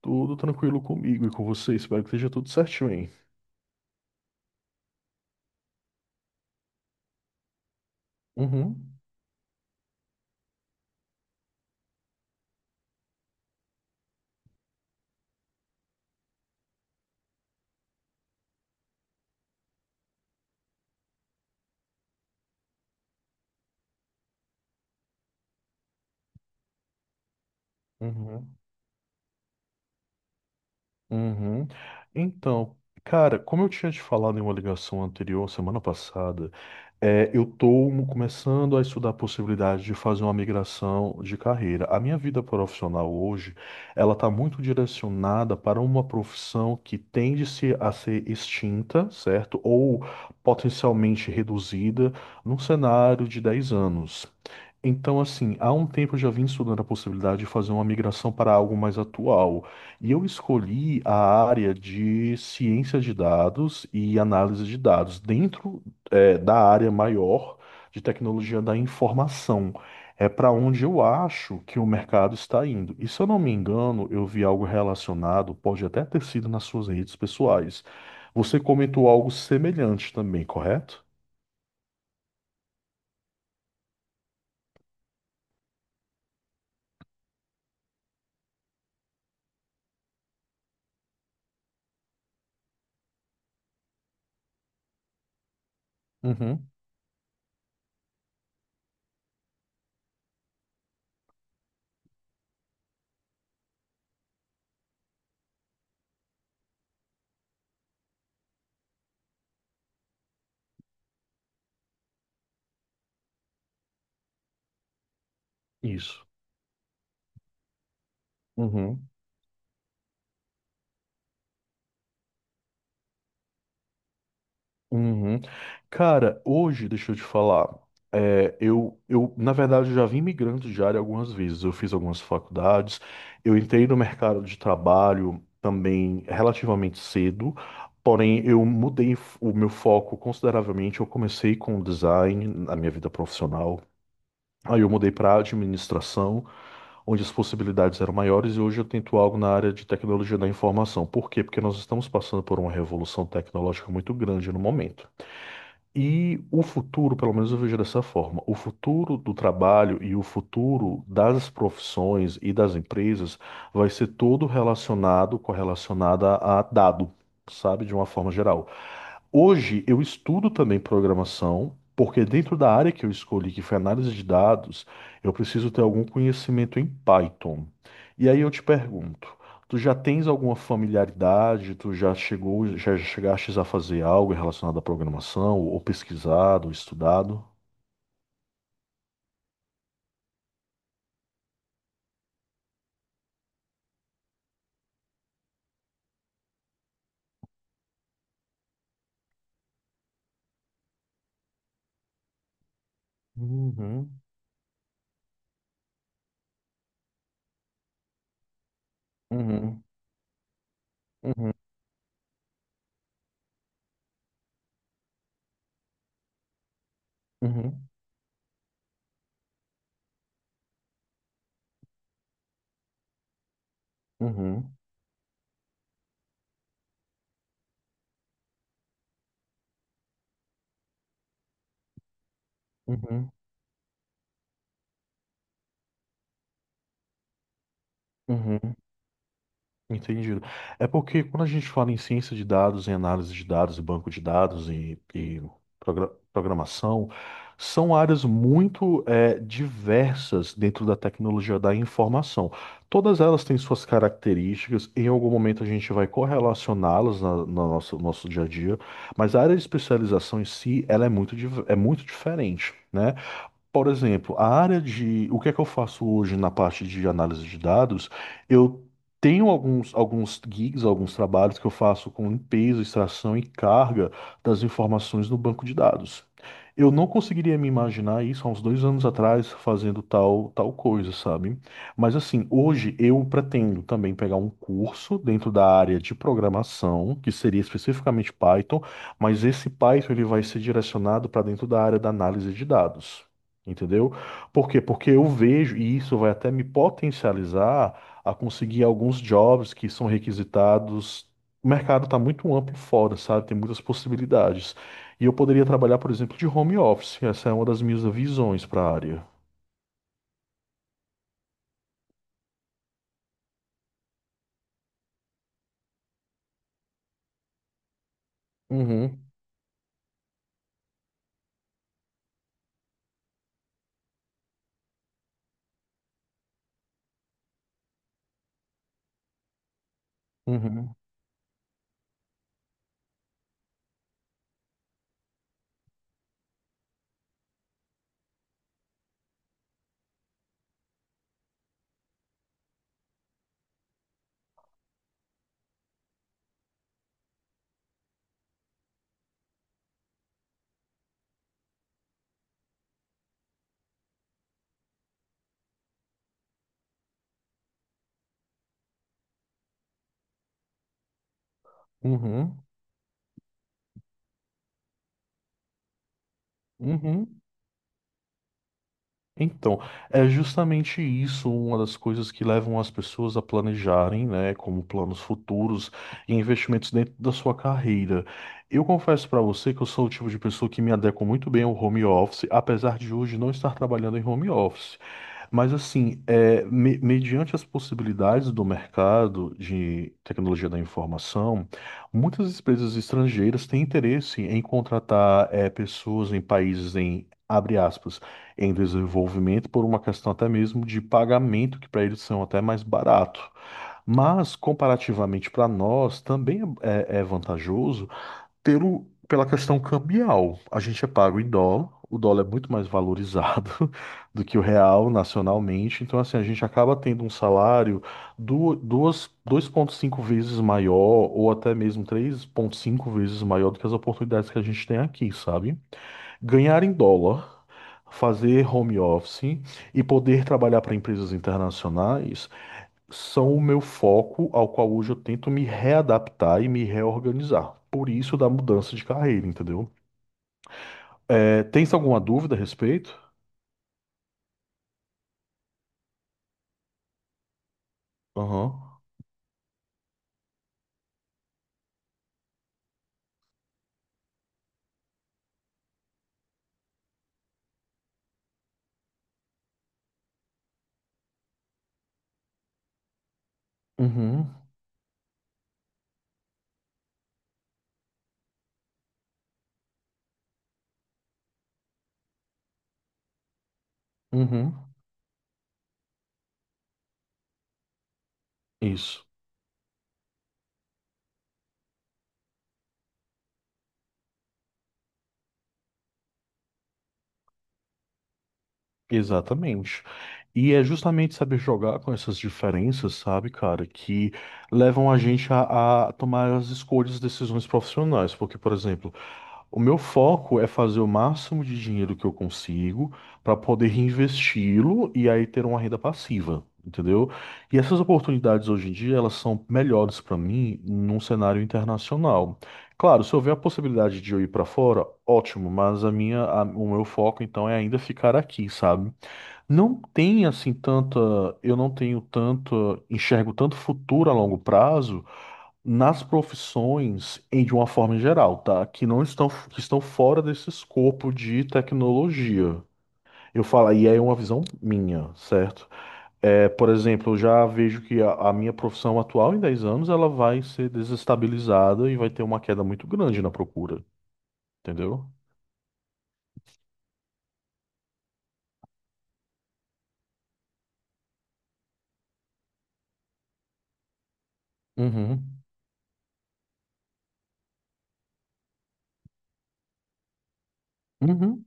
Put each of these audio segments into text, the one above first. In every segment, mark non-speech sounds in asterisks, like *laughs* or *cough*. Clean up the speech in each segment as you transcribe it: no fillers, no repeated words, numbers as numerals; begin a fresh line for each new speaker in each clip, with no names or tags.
Tudo tranquilo comigo e com você. Espero que esteja tudo certinho, hein? Uhum, uhum. Uhum. Então, cara, como eu tinha te falado em uma ligação anterior, semana passada, é, eu estou começando a estudar a possibilidade de fazer uma migração de carreira. A minha vida profissional hoje, ela está muito direcionada para uma profissão que tende-se a ser extinta, certo? Ou potencialmente reduzida num cenário de 10 anos. Então, assim, há um tempo eu já vim estudando a possibilidade de fazer uma migração para algo mais atual. E eu escolhi a área de ciência de dados e análise de dados, dentro, da área maior de tecnologia da informação. É para onde eu acho que o mercado está indo. E se eu não me engano, eu vi algo relacionado, pode até ter sido nas suas redes pessoais. Você comentou algo semelhante também, correto? Uhum. Isso. Uhum. Uhum. Cara, hoje, deixa eu te falar, é, eu, na verdade, eu já vim migrando de área algumas vezes. Eu fiz algumas faculdades, eu entrei no mercado de trabalho também relativamente cedo, porém, eu mudei o meu foco consideravelmente. Eu comecei com design na minha vida profissional, aí eu mudei para administração, onde as possibilidades eram maiores, e hoje eu tento algo na área de tecnologia da informação. Por quê? Porque nós estamos passando por uma revolução tecnológica muito grande no momento. E o futuro, pelo menos eu vejo dessa forma, o futuro do trabalho e o futuro das profissões e das empresas vai ser todo relacionado, correlacionado a dado, sabe, de uma forma geral. Hoje eu estudo também programação, porque dentro da área que eu escolhi, que foi análise de dados, eu preciso ter algum conhecimento em Python. E aí eu te pergunto, tu já tens alguma familiaridade? Tu já chegou, já chegaste a fazer algo relacionado à programação, ou pesquisado, ou estudado? Uhum, uhum, uhum, uhum, uhum, uhum, uhum, uhum. Entendido. É porque quando a gente fala em ciência de dados, em análise de dados, banco de dados e programação, são áreas muito diversas dentro da tecnologia da informação. Todas elas têm suas características, em algum momento a gente vai correlacioná-las no nosso dia a dia, mas a área de especialização em si, ela é muito diferente, né? Por exemplo, a área de o que é que eu faço hoje na parte de análise de dados, eu tenho alguns gigs, alguns trabalhos que eu faço com limpeza, extração e carga das informações no banco de dados. Eu não conseguiria me imaginar isso há uns 2 anos atrás fazendo tal, tal coisa, sabe? Mas assim, hoje eu pretendo também pegar um curso dentro da área de programação, que seria especificamente Python, mas esse Python ele vai ser direcionado para dentro da área da análise de dados. Entendeu? Por quê? Porque eu vejo, e isso vai até me potencializar a conseguir alguns jobs que são requisitados. O mercado está muito amplo fora, sabe? Tem muitas possibilidades. E eu poderia trabalhar, por exemplo, de home office. Essa é uma das minhas visões para a área. Uhum, uhum, uhum, uhum. Então, é justamente isso uma das coisas que levam as pessoas a planejarem, né, como planos futuros e investimentos dentro da sua carreira. Eu confesso para você que eu sou o tipo de pessoa que me adequa muito bem ao home office, apesar de hoje não estar trabalhando em home office. Mas assim, é, mediante as possibilidades do mercado de tecnologia da informação, muitas empresas estrangeiras têm interesse em contratar é, pessoas em países em, abre aspas, em desenvolvimento por uma questão até mesmo de pagamento, que para eles são até mais barato. Mas, comparativamente para nós, também é vantajoso pelo, pela questão cambial, a gente é pago em dólar, o dólar é muito mais valorizado *laughs* do que o real nacionalmente, então assim, a gente acaba tendo um salário 2,5 vezes maior ou até mesmo 3,5 vezes maior do que as oportunidades que a gente tem aqui, sabe? Ganhar em dólar, fazer home office e poder trabalhar para empresas internacionais são o meu foco ao qual hoje eu tento me readaptar e me reorganizar. Por isso da mudança de carreira, entendeu? É, tens alguma dúvida a respeito? Aham. Uhum. Uhum. Isso. Exatamente. E é justamente saber jogar com essas diferenças, sabe, cara, que levam a gente a tomar as escolhas e decisões profissionais. Porque, por exemplo, o meu foco é fazer o máximo de dinheiro que eu consigo para poder reinvesti-lo e aí ter uma renda passiva, entendeu? E essas oportunidades hoje em dia, elas são melhores para mim num cenário internacional. Claro, se houver a possibilidade de eu ir para fora, ótimo, mas o meu foco então é ainda ficar aqui, sabe? Não tem assim tanta, eu não tenho tanto, enxergo tanto futuro a longo prazo nas profissões em de uma forma geral, tá? Que não estão que estão fora desse escopo de tecnologia. Eu falo, e aí é uma visão minha, certo? É, por exemplo, eu já vejo que a minha profissão atual em 10 anos ela vai ser desestabilizada e vai ter uma queda muito grande na procura, entendeu? Uhum. Uhum.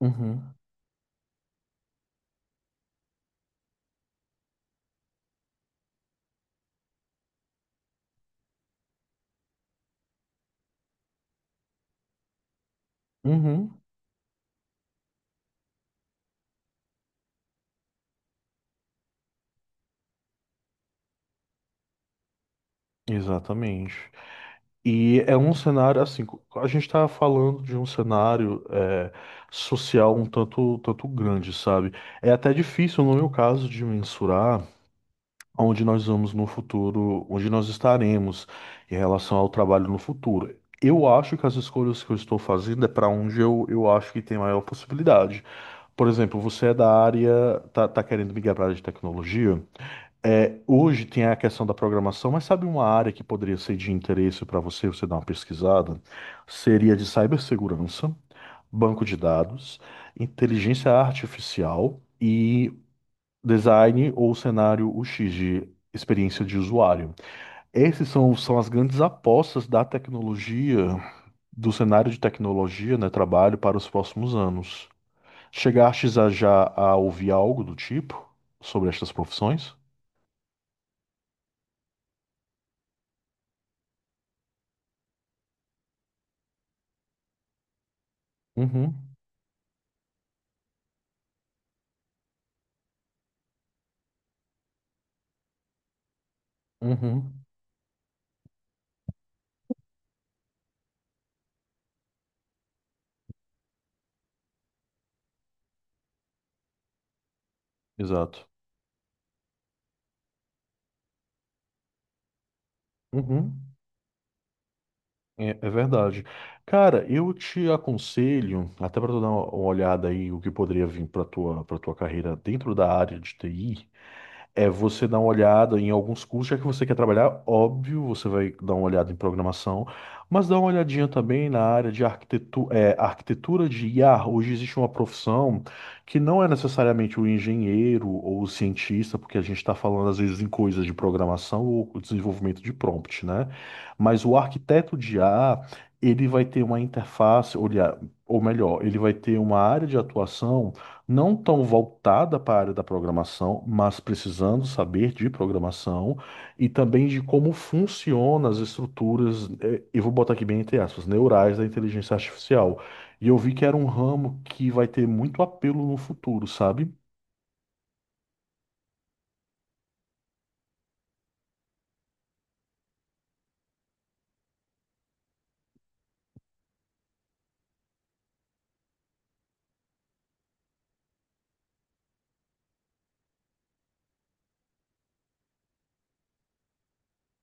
Uhum. Uhum. Exatamente. E é um cenário assim, a gente está falando de um cenário é, social um tanto, tanto grande, sabe? É até difícil, no meu caso, de mensurar onde nós vamos no futuro, onde nós estaremos em relação ao trabalho no futuro. Eu acho que as escolhas que eu estou fazendo é para onde eu acho que tem maior possibilidade. Por exemplo, você é da área, tá querendo migrar para a área de tecnologia? É, hoje tem a questão da programação, mas sabe uma área que poderia ser de interesse para você, você dar uma pesquisada? Seria de cibersegurança, banco de dados, inteligência artificial e design ou cenário UX de experiência de usuário. Esses são as grandes apostas da tecnologia, do cenário de tecnologia, né, trabalho para os próximos anos. Chegastes a já a ouvir algo do tipo sobre estas profissões? Uhum, uhum. Exato. Uhum. É, é verdade. Cara, eu te aconselho, até para tu dar uma olhada aí o que poderia vir para tua carreira dentro da área de TI. É você dar uma olhada em alguns cursos, já que você quer trabalhar, óbvio, você vai dar uma olhada em programação, mas dá uma olhadinha também na área de arquitetura de IA. Hoje existe uma profissão que não é necessariamente o engenheiro ou o cientista, porque a gente está falando às vezes em coisas de programação ou desenvolvimento de prompt, né? Mas o arquiteto de IA, ele vai ter uma interface, olhar, ou melhor, ele vai ter uma área de atuação não tão voltada para a área da programação, mas precisando saber de programação e também de como funcionam as estruturas, eu vou botar aqui bem entre aspas, neurais da inteligência artificial. E eu vi que era um ramo que vai ter muito apelo no futuro, sabe?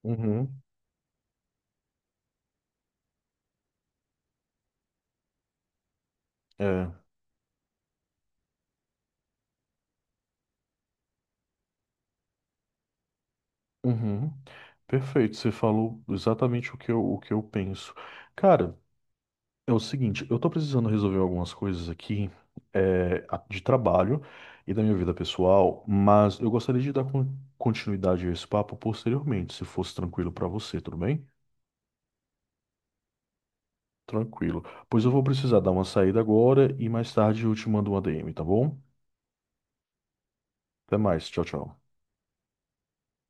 Uhum. É. Uhum. Perfeito, você falou exatamente o que eu penso. Cara, é o seguinte, eu tô precisando resolver algumas coisas aqui, é, de trabalho e da minha vida pessoal, mas eu gostaria de dar continuidade a esse papo posteriormente, se fosse tranquilo pra você, tudo bem? Tranquilo. Pois eu vou precisar dar uma saída agora e mais tarde eu te mando um ADM, tá bom? Até mais, tchau, tchau.